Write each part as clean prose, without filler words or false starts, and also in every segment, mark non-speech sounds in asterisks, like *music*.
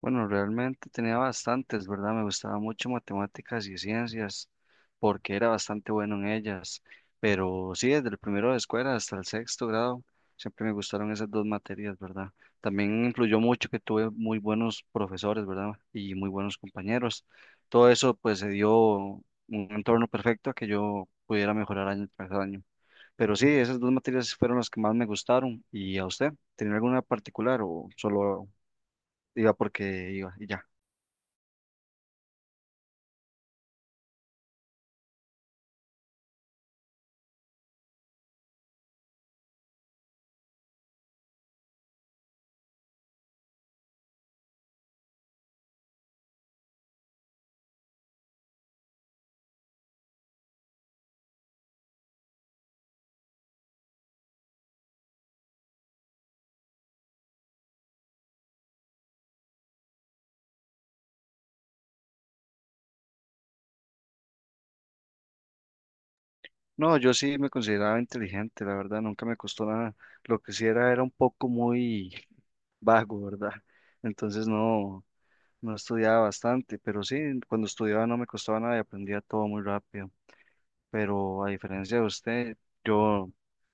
Bueno, realmente tenía bastantes, ¿verdad? Me gustaba mucho matemáticas y ciencias porque era bastante bueno en ellas. Pero sí, desde el primero de escuela hasta el sexto grado, siempre me gustaron esas dos materias, ¿verdad? También influyó mucho que tuve muy buenos profesores, ¿verdad? Y muy buenos compañeros. Todo eso pues se dio un entorno perfecto a que yo pudiera mejorar año tras año. Pero sí, esas dos materias fueron las que más me gustaron. ¿Y a usted? ¿Tenía alguna particular o solo iba porque iba y ya? No, yo sí me consideraba inteligente, la verdad, nunca me costó nada. Lo que sí era un poco muy *laughs* vago, ¿verdad? Entonces no, no estudiaba bastante, pero sí, cuando estudiaba no me costaba nada y aprendía todo muy rápido. Pero a diferencia de usted, yo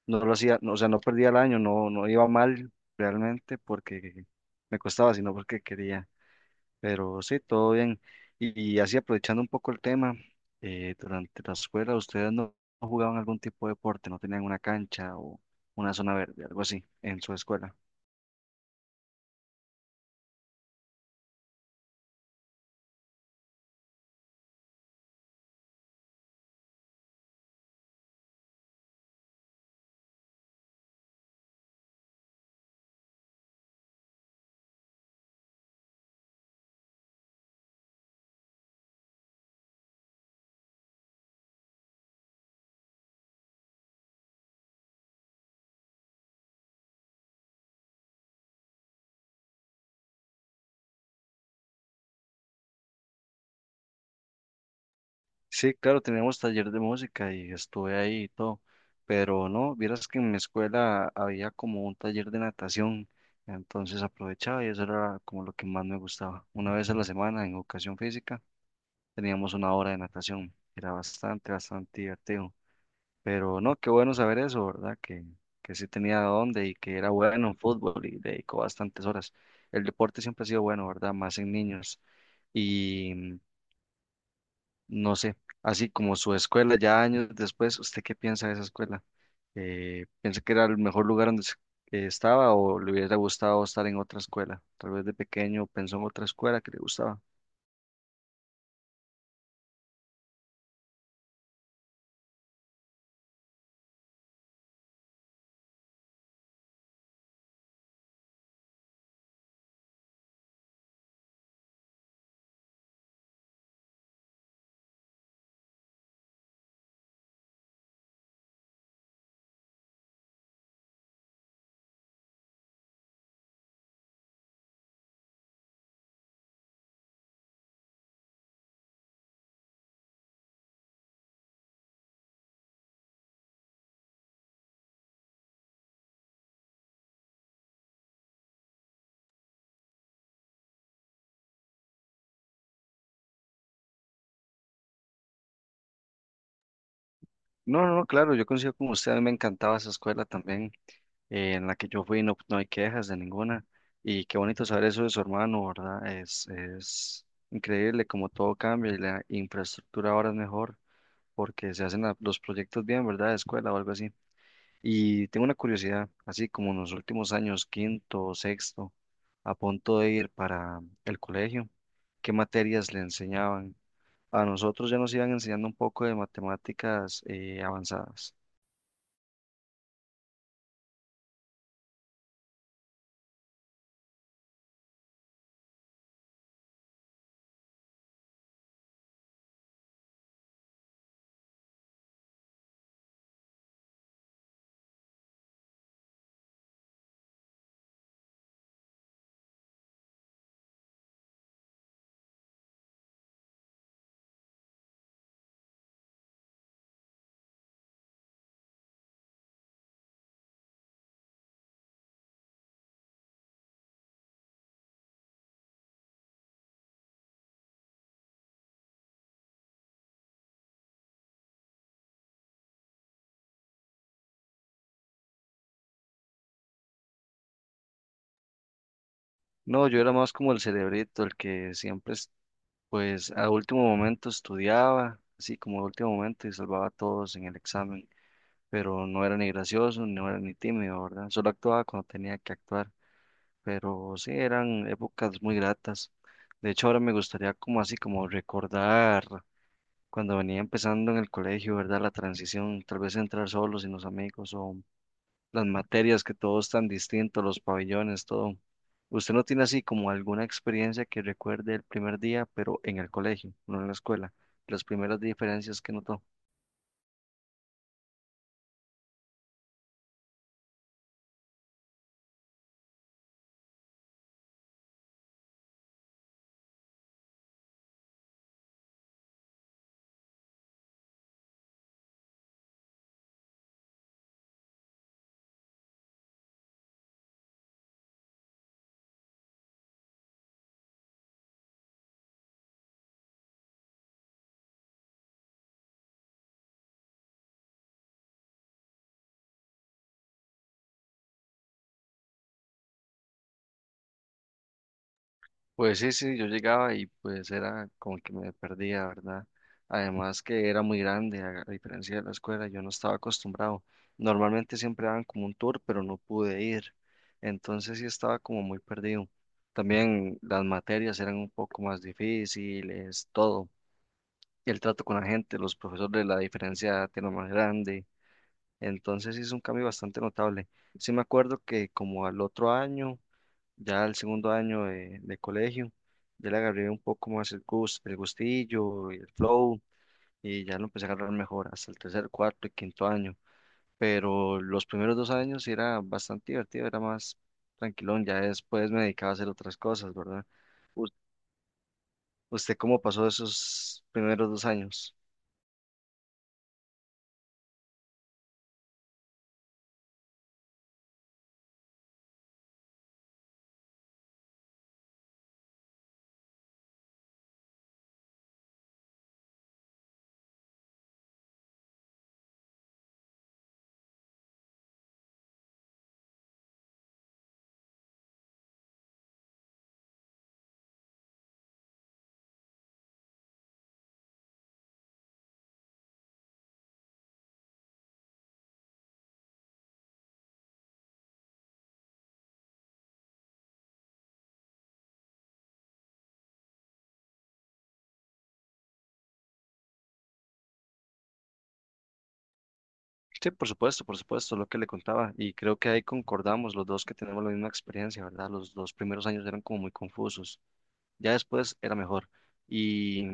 no lo hacía, no, o sea, no perdía el año, no, no iba mal realmente porque me costaba, sino porque quería. Pero sí, todo bien. Y así aprovechando un poco el tema, durante la escuela, ¿ustedes no jugaban algún tipo de deporte? ¿No tenían una cancha o una zona verde, algo así, en su escuela? Sí, claro, teníamos taller de música y estuve ahí y todo, pero no, vieras que en mi escuela había como un taller de natación, entonces aprovechaba y eso era como lo que más me gustaba. Una vez a la semana en educación física teníamos una hora de natación, era bastante, bastante divertido. Pero no, qué bueno saber eso, ¿verdad? Que sí tenía dónde y que era bueno en fútbol y dedicó bastantes horas. El deporte siempre ha sido bueno, ¿verdad? Más en niños. Y no sé, así como su escuela, ya años después, ¿usted qué piensa de esa escuela? ¿Piensa que era el mejor lugar donde estaba o le hubiera gustado estar en otra escuela? Tal vez de pequeño pensó en otra escuela que le gustaba. No, no, no, claro, yo coincido con usted, a mí me encantaba esa escuela también en la que yo fui no, no hay quejas de ninguna. Y qué bonito saber eso de su hermano, ¿verdad? Es increíble como todo cambia y la infraestructura ahora es mejor porque se hacen los proyectos bien, ¿verdad? De escuela o algo así. Y tengo una curiosidad, así como en los últimos años, quinto, sexto, a punto de ir para el colegio, ¿qué materias le enseñaban? A nosotros ya nos iban enseñando un poco de matemáticas avanzadas. No, yo era más como el cerebrito, el que siempre pues a último momento estudiaba, así como a último momento y salvaba a todos en el examen, pero no era ni gracioso, no era ni tímido, ¿verdad? Solo actuaba cuando tenía que actuar, pero sí eran épocas muy gratas. De hecho, ahora me gustaría como así como recordar cuando venía empezando en el colegio, ¿verdad? La transición, tal vez entrar solo sin los amigos o las materias, que todo es tan distinto, los pabellones, todo. ¿Usted no tiene así como alguna experiencia que recuerde el primer día, pero en el colegio, no en la escuela? Las primeras diferencias que notó. Pues sí, sí, yo llegaba y pues era como que me perdía, ¿verdad? Además que era muy grande, a diferencia de la escuela, yo no estaba acostumbrado. Normalmente siempre daban como un tour, pero no pude ir. Entonces sí estaba como muy perdido. También las materias eran un poco más difíciles, todo. El trato con la gente, los profesores, la diferencia tiene más grande. Entonces sí es un cambio bastante notable. Sí me acuerdo que como al otro año, ya al segundo año de colegio, ya le agarré un poco más el gustillo, y el flow, y ya lo empecé a agarrar mejor hasta el tercer, cuarto y quinto año. Pero los primeros dos años sí era bastante divertido, era más tranquilón, ya después me dedicaba a hacer otras cosas, ¿verdad? ¿Us- ¿Usted cómo pasó esos primeros dos años? Sí, por supuesto, lo que le contaba. Y creo que ahí concordamos los dos que tenemos la misma experiencia, ¿verdad? Los dos primeros años eran como muy confusos. Ya después era mejor. Y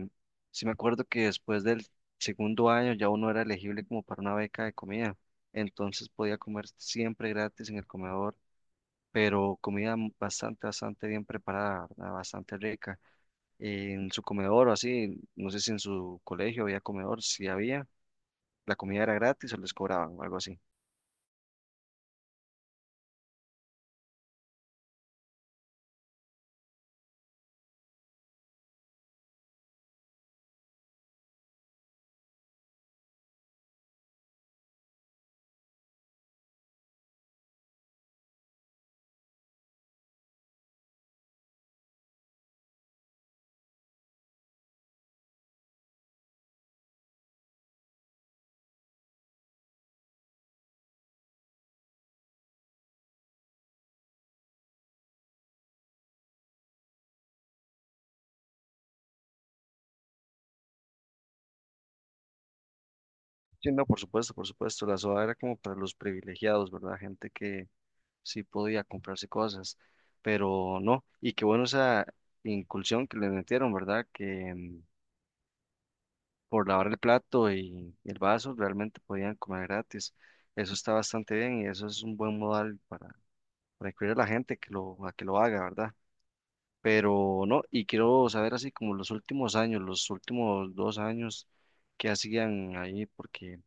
sí me acuerdo que después del segundo año ya uno era elegible como para una beca de comida. Entonces podía comer siempre gratis en el comedor, pero bastante, bastante bien preparada, ¿verdad? Bastante rica. En su comedor o así, no sé si en su colegio había comedor, si había, la comida era gratis o les cobraban o algo así. Sí, no, por supuesto, por supuesto. La soda era como para los privilegiados, ¿verdad? Gente que sí podía comprarse cosas, pero no. Y qué bueno esa incursión que le metieron, ¿verdad? Que por lavar el plato y el vaso realmente podían comer gratis. Eso está bastante bien y eso es un buen modal para incluir a la gente que lo, a que lo haga, ¿verdad? Pero no, y quiero saber así como los últimos años, los últimos dos años que hacían ahí, porque…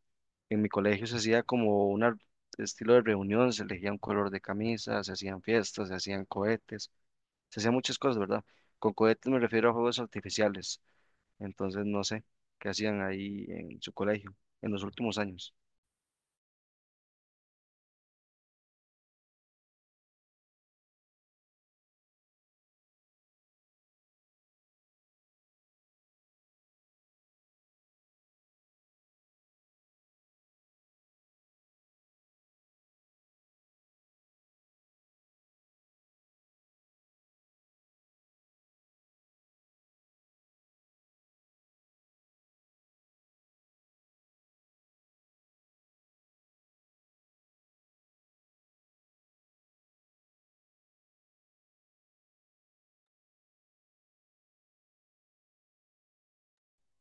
En mi colegio se hacía como un estilo de reunión, se elegía un color de camisa, se hacían fiestas, se hacían cohetes, se hacían muchas cosas, ¿verdad? Con cohetes me refiero a juegos artificiales, entonces no sé qué hacían ahí en su colegio en los últimos años.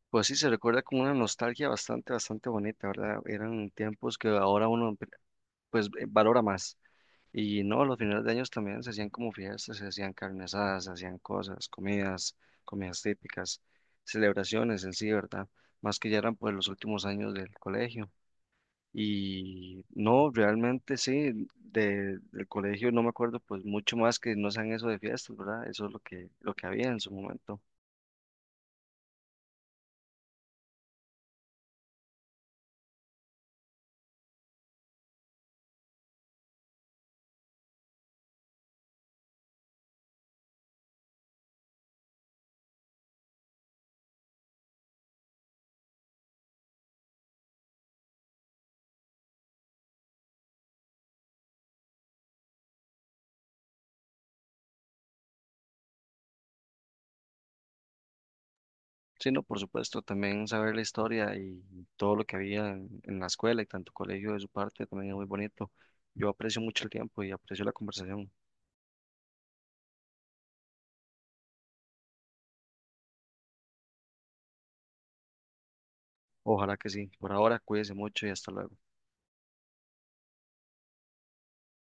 Pues sí, se recuerda con una nostalgia bastante, bastante bonita, ¿verdad? Eran tiempos que ahora uno valora más. Y no, los finales de años también se hacían como fiestas, se hacían carne asadas, se hacían cosas, comidas, comidas típicas, celebraciones en sí, ¿verdad? Más que ya eran pues los últimos años del colegio. Y no, realmente sí, del colegio no me acuerdo pues mucho más que no sean eso de fiestas, ¿verdad? Eso es lo que había en su momento. Sí, no, por supuesto, también saber la historia y todo lo que había en la escuela y tanto colegio de su parte también es muy bonito. Yo aprecio mucho el tiempo y aprecio la conversación. Ojalá que sí. Por ahora, cuídense mucho y hasta luego.